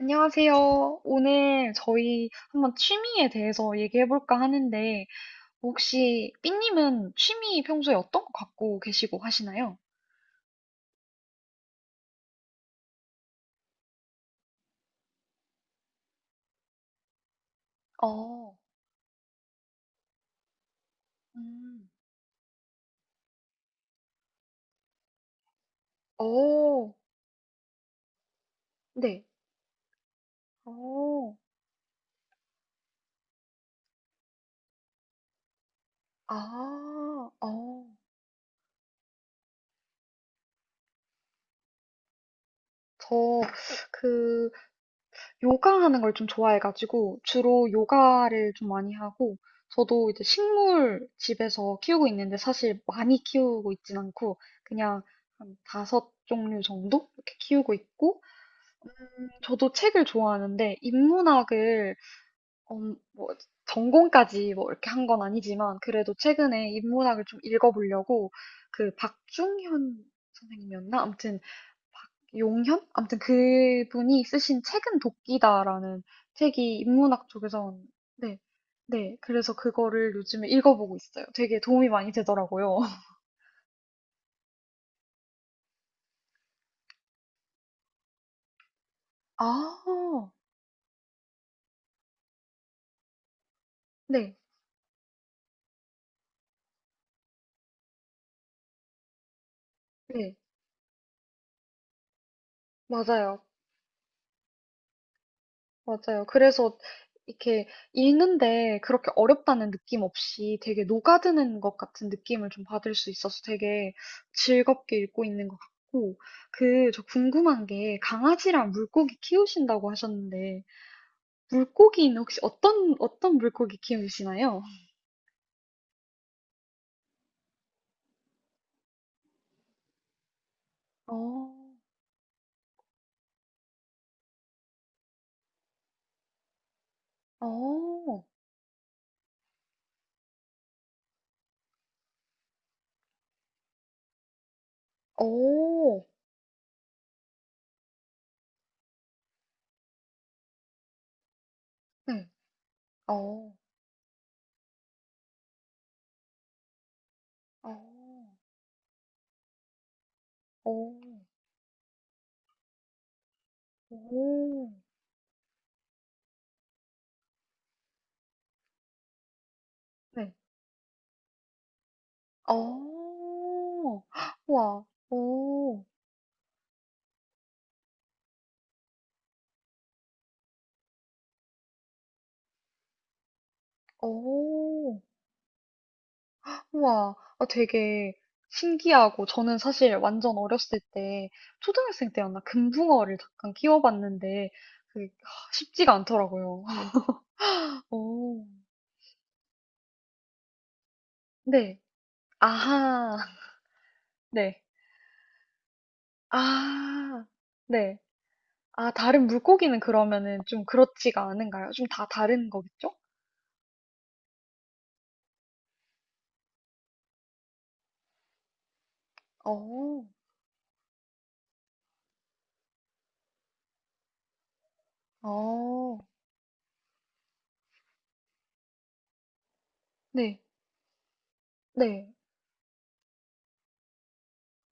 안녕하세요. 오늘 저희 한번 취미에 대해서 얘기해 볼까 하는데, 혹시 삐님은 취미 평소에 어떤 거 갖고 계시고 하시나요? 어, 음, 오, 네, 오, 아, 어, 저, 그, 요가하는 걸 좀 좋아해가지고 주로 요가를 좀 많이 하고 저도 이제 식물 집에서 키우고 있는데 사실 많이 키우고 있진 않고 그냥 한 다섯 종류 정도 이렇게 키우고 있고 저도 책을 좋아하는데 인문학을 뭐 전공까지 뭐 이렇게 한 건 아니지만 그래도 최근에 인문학을 좀 읽어보려고 그 박중현 선생님이었나? 아무튼 용현? 아무튼 그분이 쓰신 책은 도끼다라는 책이 인문학 쪽에서 네, 네. 그래서 그거를 요즘에 읽어보고 있어요. 되게 도움이 많이 되더라고요. 아, 네, 네. 맞아요. 맞아요. 그래서 이렇게 읽는데 그렇게 어렵다는 느낌 없이 되게 녹아드는 것 같은 느낌을 좀 받을 수 있어서 되게 즐겁게 읽고 있는 것 같고, 그, 저 궁금한 게 강아지랑 물고기 키우신다고 하셨는데, 물고기는 혹시 어떤 물고기 키우시나요? 어, 어, 어, 네, 어, 어, 어, 오, 네, 어, 와, 오, 오, 와, 어, 되게 신기하고 저는 사실 완전 어렸을 때 초등학생 때였나 금붕어를 잠깐 키워봤는데 그게 하, 쉽지가 않더라고요. 오, 네, 아하, 네. 아. 네. 아 다른 물고기는 그러면은 좀 그렇지가 않은가요? 좀 다 다른 거겠죠? 어. 어. 네. 네.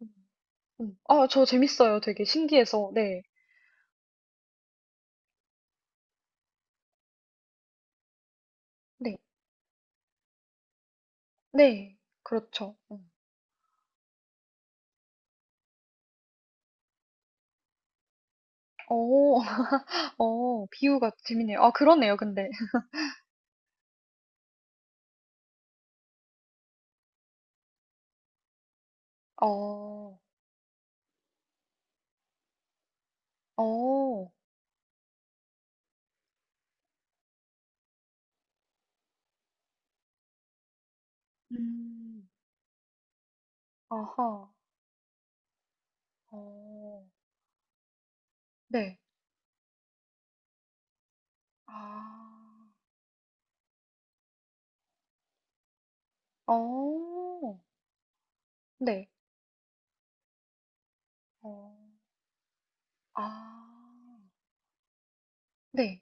음. 음. 아 저 재밌어요. 되게 신기해서. 네. 네. 네. 그렇죠. 음. 어. 어. 비유가 재밌네요. 아 그러네요 근데. 어. 어. 음. 아하. 어. 네. 아. 어. 네. 어. 아. 네.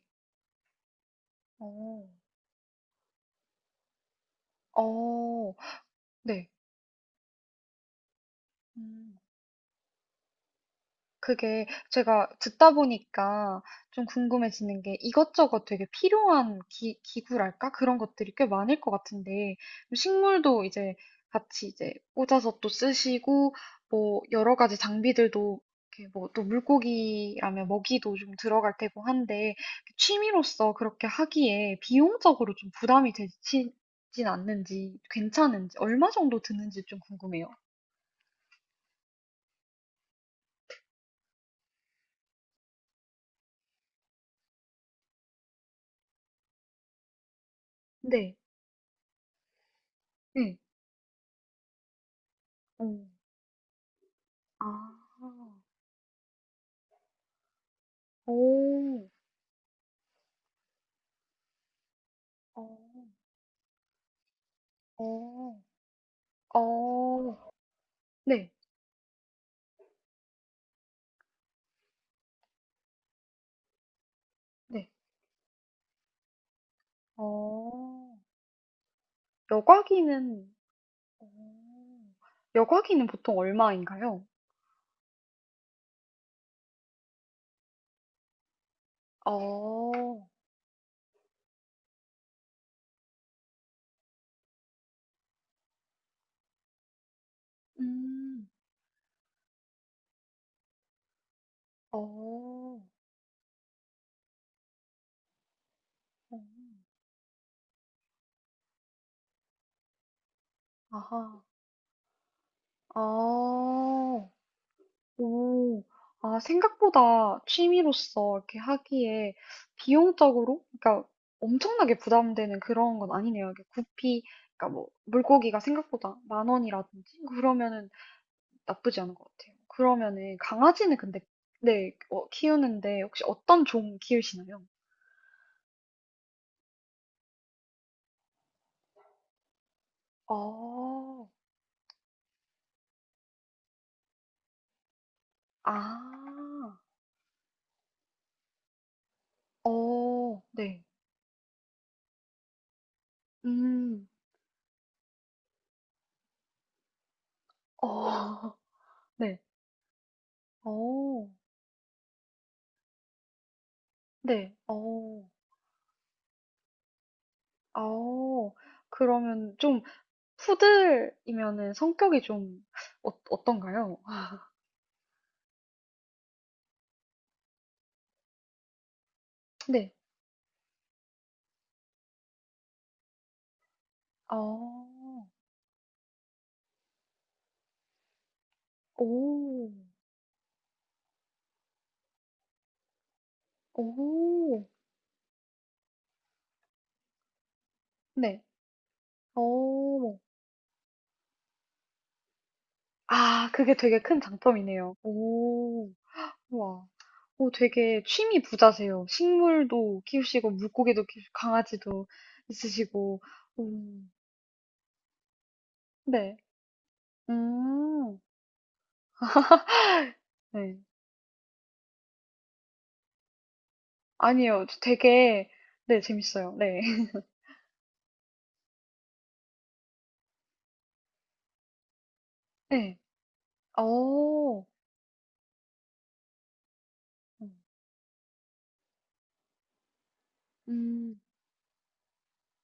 어. 어. 네. 음. 그게 제가 듣다 보니까 좀 궁금해지는 게 이것저것 되게 필요한 기구랄까? 그런 것들이 꽤 많을 것 같은데, 식물도 이제 같이 이제 꽂아서 또 쓰시고, 뭐, 여러 가지 장비들도 이렇게 뭐, 또 물고기라면 먹이도 좀 들어갈 테고 한데, 취미로서 그렇게 하기에 비용적으로 좀 부담이 되진 않는지, 괜찮은지, 얼마 정도 드는지 좀 궁금해요. 네. 네. 어. 아. 오. 어. 어. 어. 네. 네. 어. 여과기는 어. 여과기는 보통 얼마인가요? 어. 음. 어. 음. 아하. 아. 오. 아 생각보다 취미로서 이렇게 하기에 비용적으로 그러니까 엄청나게 부담되는 그런 건 아니네요. 이게 구피 그러니까 뭐 물고기가 생각보다 만 원이라든지 그러면은 나쁘지 않은 것 같아요. 그러면은 강아지는 근데 네, 어, 키우는데 혹시 어떤 종 키우시나요? 어. 아. 어. 네. 음. 어. 네. 어. 네. 어. 어. 그러면 좀 푸들이면은 성격이 좀 어, 어떤가요? 네. 어. 오. 오. 네. 어. 아, 그게 되게 큰 장점이네요. 오. 와, 오, 되게 취미 부자세요. 식물도 키우시고, 물고기도 키우시고, 강아지도 있으시고, 음, 네, 음, 네. 아니요, 저 되게, 네, 재밌어요. 네, 네, 오, 음,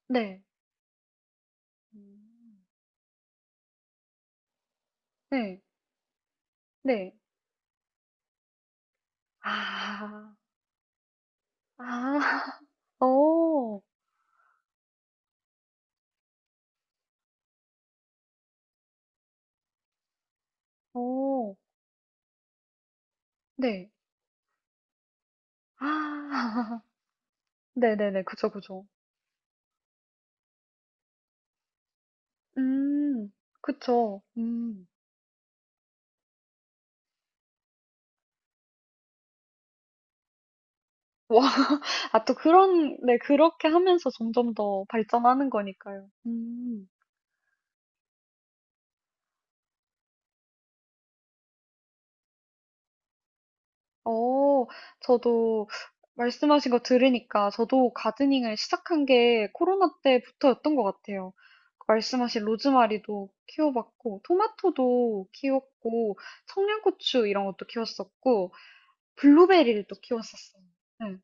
네, 음, 네, 네. 아, 아, 오, 오, 네, 아, 네네네, 그죠, 그죠. 음, 그쵸, 아, 또 그런, 네, 그렇게 하면서 점점 더 발전하는 거니까요. 어, 저도 말씀하신 거 들으니까 저도 가드닝을 시작한 게 코로나 때부터였던 것 같아요. 말씀하신 로즈마리도 키워봤고, 토마토도 키웠고, 청양고추 이런 것도 키웠었고, 블루베리를 또 키웠었어요. 네.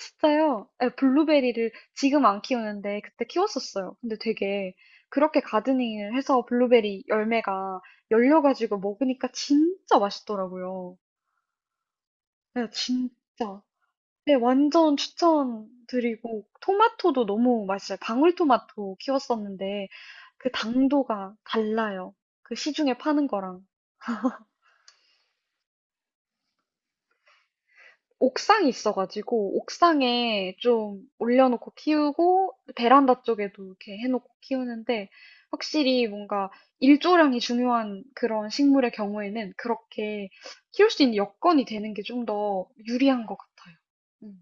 진짜요? 예, 블루베리를 지금 안 키우는데 그때 키웠었어요. 근데 되게 그렇게 가드닝을 해서 블루베리 열매가 열려가지고 먹으니까 진짜 맛있더라고요. 네, 진짜. 네, 완전 추천드리고 토마토도 너무 맛있어요. 방울토마토 키웠었는데 그 당도가 달라요. 그 시중에 파는 거랑. 옥상이 있어가지고 옥상에 좀 올려놓고 키우고 베란다 쪽에도 이렇게 해놓고 키우는데 확실히 뭔가 일조량이 중요한 그런 식물의 경우에는 그렇게 키울 수 있는 여건이 되는 게 좀 더 유리한 것 같아요. 음.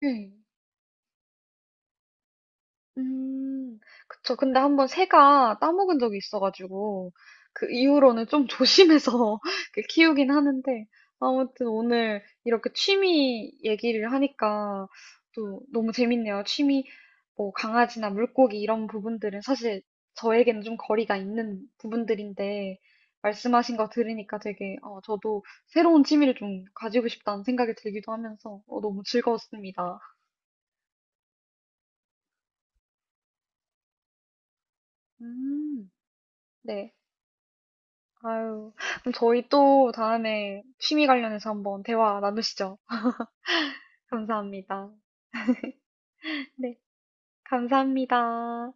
네. 음, 그쵸. 근데 한번 새가 따먹은 적이 있어가지고, 그 이후로는 좀 조심해서 그 키우긴 하는데, 아무튼 오늘 이렇게 취미 얘기를 하니까 또 너무 재밌네요. 취미, 뭐 강아지나 물고기 이런 부분들은 사실 저에게는 좀 거리가 있는 부분들인데, 말씀하신 거 들으니까 되게, 어, 저도 새로운 취미를 좀 가지고 싶다는 생각이 들기도 하면서, 어, 너무 즐거웠습니다. 음, 네. 아유, 그럼 저희 또 다음에 취미 관련해서 한번 대화 나누시죠. 감사합니다. 네, 감사합니다.